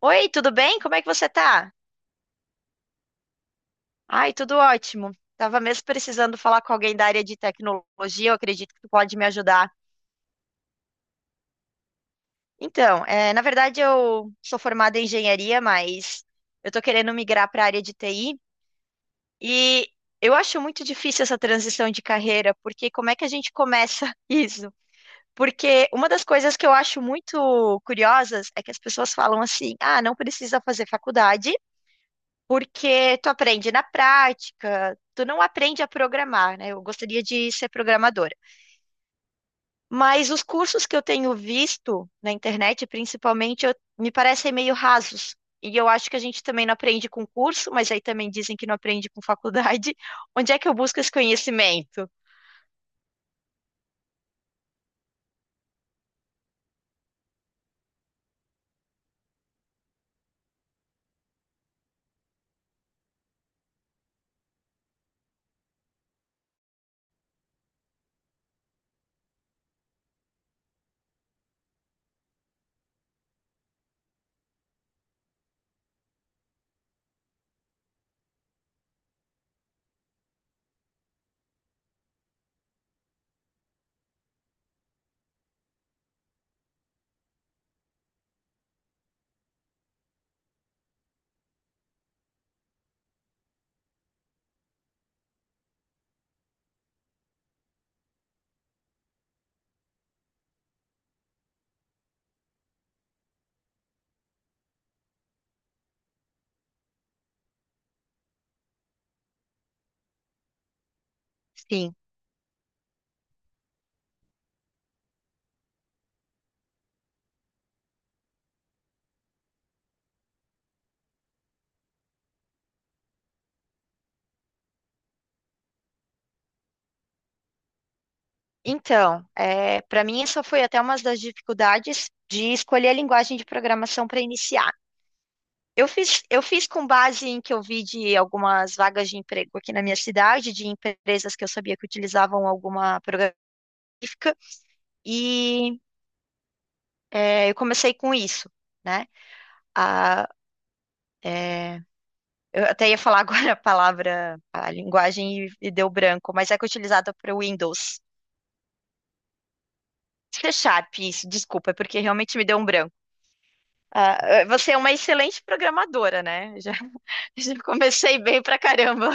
Oi, tudo bem? Como é que você tá? Ai, tudo ótimo. Tava mesmo precisando falar com alguém da área de tecnologia, eu acredito que tu pode me ajudar. Então, na verdade eu sou formada em engenharia, mas eu tô querendo migrar para a área de TI e eu acho muito difícil essa transição de carreira, porque como é que a gente começa isso? Porque uma das coisas que eu acho muito curiosas é que as pessoas falam assim: "Ah, não precisa fazer faculdade porque tu aprende na prática, tu não aprende a programar, né?" Eu gostaria de ser programadora. Mas os cursos que eu tenho visto na internet, principalmente, me parecem meio rasos. E eu acho que a gente também não aprende com curso, mas aí também dizem que não aprende com faculdade. Onde é que eu busco esse conhecimento? Sim. Então, para mim, essa foi até uma das dificuldades de escolher a linguagem de programação para iniciar. Eu fiz com base em que eu vi de algumas vagas de emprego aqui na minha cidade, de empresas que eu sabia que utilizavam alguma programística, e eu comecei com isso, né? A, é, eu até ia falar agora a palavra, a linguagem e deu branco, mas é que é utilizada para o Windows. C Sharp, isso, desculpa, é porque realmente me deu um branco. Ah, você é uma excelente programadora, né? Já, já comecei bem pra caramba.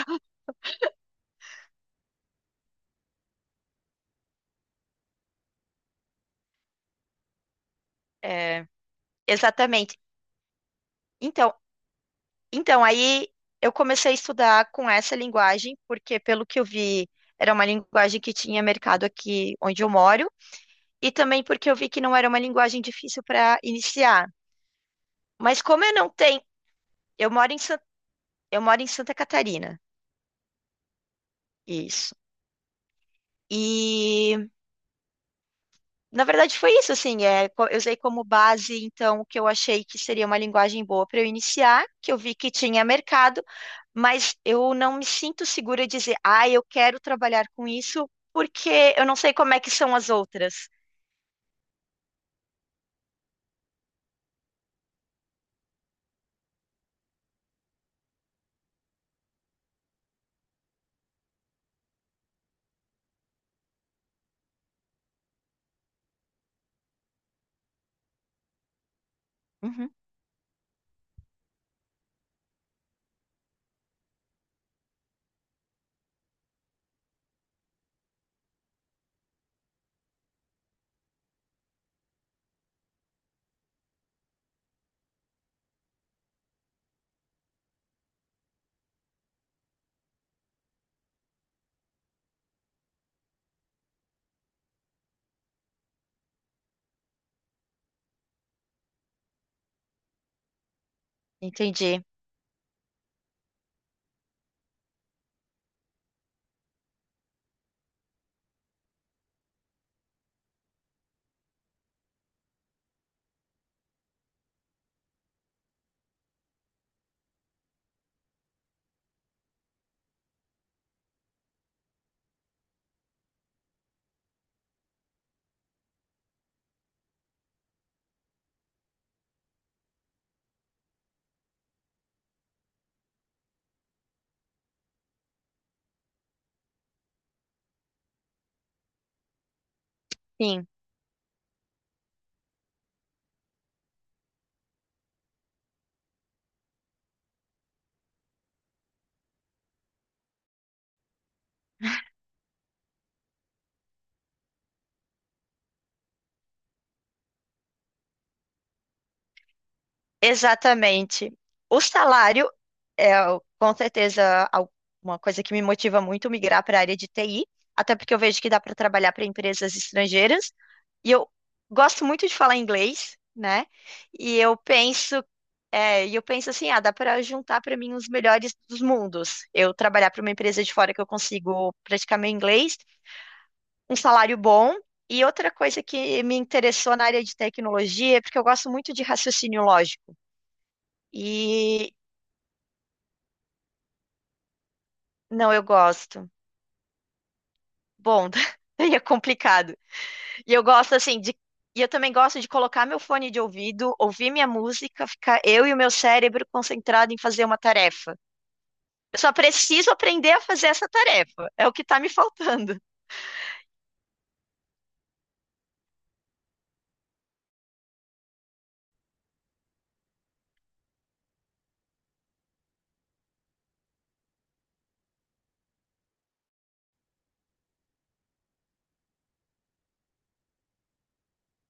É, exatamente. Então, Então, aí eu comecei a estudar com essa linguagem, porque pelo que eu vi, era uma linguagem que tinha mercado aqui onde eu moro, e também porque eu vi que não era uma linguagem difícil para iniciar. Mas como eu não tenho, eu moro em Santa, eu moro em Santa Catarina, isso. E Na verdade, foi isso, assim, eu usei como base, então, o que eu achei que seria uma linguagem boa para eu iniciar, que eu vi que tinha mercado, mas eu não me sinto segura de dizer: "Ah, eu quero trabalhar com isso", porque eu não sei como é que são as outras. Uhum, entendi. Sim, exatamente. O salário com certeza, uma coisa que me motiva muito migrar para a área de TI, até porque eu vejo que dá para trabalhar para empresas estrangeiras. E eu gosto muito de falar inglês, né? E eu penso, e eu penso assim, ah, dá para juntar para mim os melhores dos mundos. Eu trabalhar para uma empresa de fora que eu consigo praticar meu inglês, um salário bom. E outra coisa que me interessou na área de tecnologia é porque eu gosto muito de raciocínio lógico. E não, eu gosto. Bom, daí é complicado. E eu gosto assim de. E eu também gosto de colocar meu fone de ouvido, ouvir minha música, ficar eu e o meu cérebro concentrado em fazer uma tarefa. Eu só preciso aprender a fazer essa tarefa. É o que tá me faltando.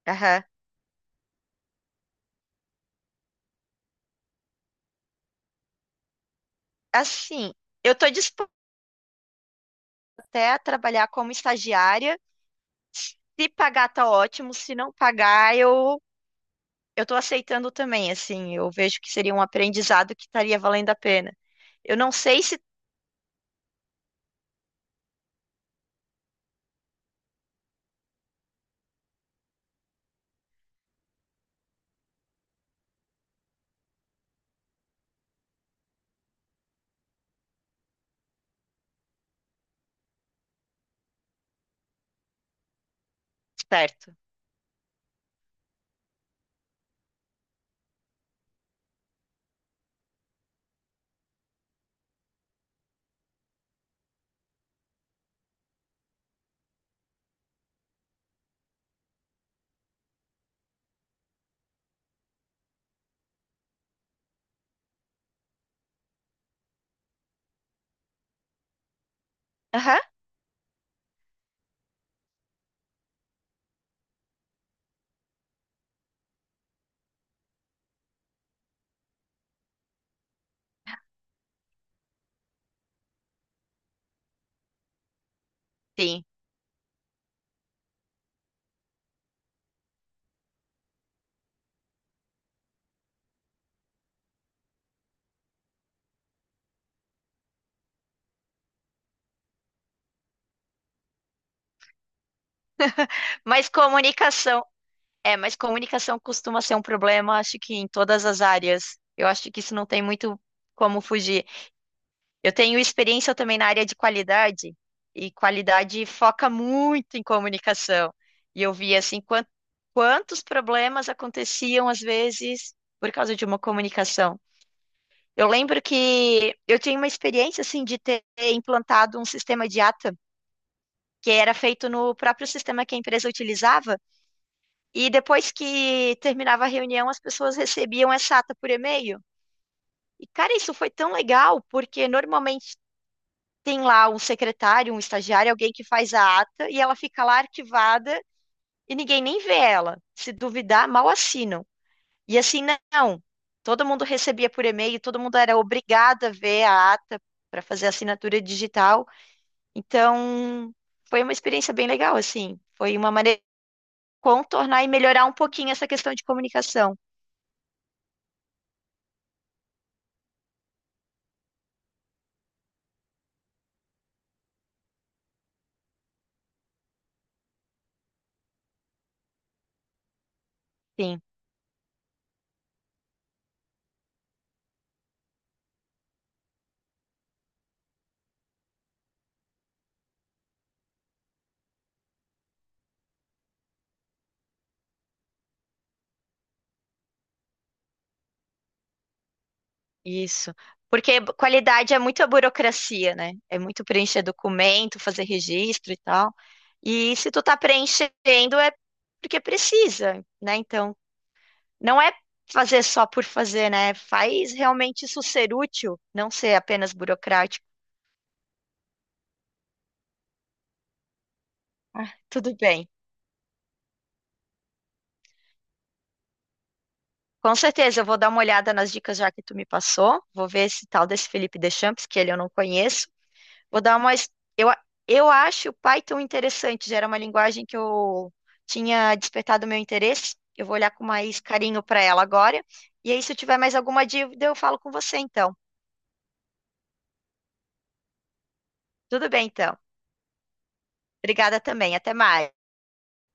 Aham. Assim, eu tô disposta até a trabalhar como estagiária. Se pagar, tá ótimo. Se não pagar, eu tô aceitando também, assim. Eu vejo que seria um aprendizado que estaria valendo a pena. Eu não sei se... tá. Certo. Aham, sim. Mas comunicação... mas comunicação costuma ser um problema, acho que em todas as áreas. Eu acho que isso não tem muito como fugir. Eu tenho experiência também na área de qualidade, e qualidade foca muito em comunicação. E eu vi, assim, quantos problemas aconteciam, às vezes, por causa de uma comunicação. Eu lembro que eu tinha uma experiência, assim, de ter implantado um sistema de ATA, que era feito no próprio sistema que a empresa utilizava. E depois que terminava a reunião, as pessoas recebiam essa ata por e-mail. E, cara, isso foi tão legal, porque normalmente tem lá um secretário, um estagiário, alguém que faz a ata e ela fica lá arquivada e ninguém nem vê ela. Se duvidar, mal assinam. E assim, não. Todo mundo recebia por e-mail, todo mundo era obrigado a ver a ata para fazer a assinatura digital. Então, foi uma experiência bem legal, assim. Foi uma maneira de contornar e melhorar um pouquinho essa questão de comunicação. Sim. Isso. Porque qualidade é muita burocracia, né? É muito preencher documento, fazer registro e tal. E se tu tá preenchendo é porque precisa, né? Então, não é fazer só por fazer, né? Faz realmente isso ser útil, não ser apenas burocrático. Ah, tudo bem. Com certeza, eu vou dar uma olhada nas dicas já que tu me passou. Vou ver esse tal desse Felipe Deschamps, que ele eu não conheço. Vou dar uma. Es- Eu, a- eu acho o Python interessante, já era uma linguagem que eu tinha despertado meu interesse. Eu vou olhar com mais carinho para ela agora. E aí, se eu tiver mais alguma dúvida, eu falo com você então. Tudo bem, então. Obrigada também. Até mais.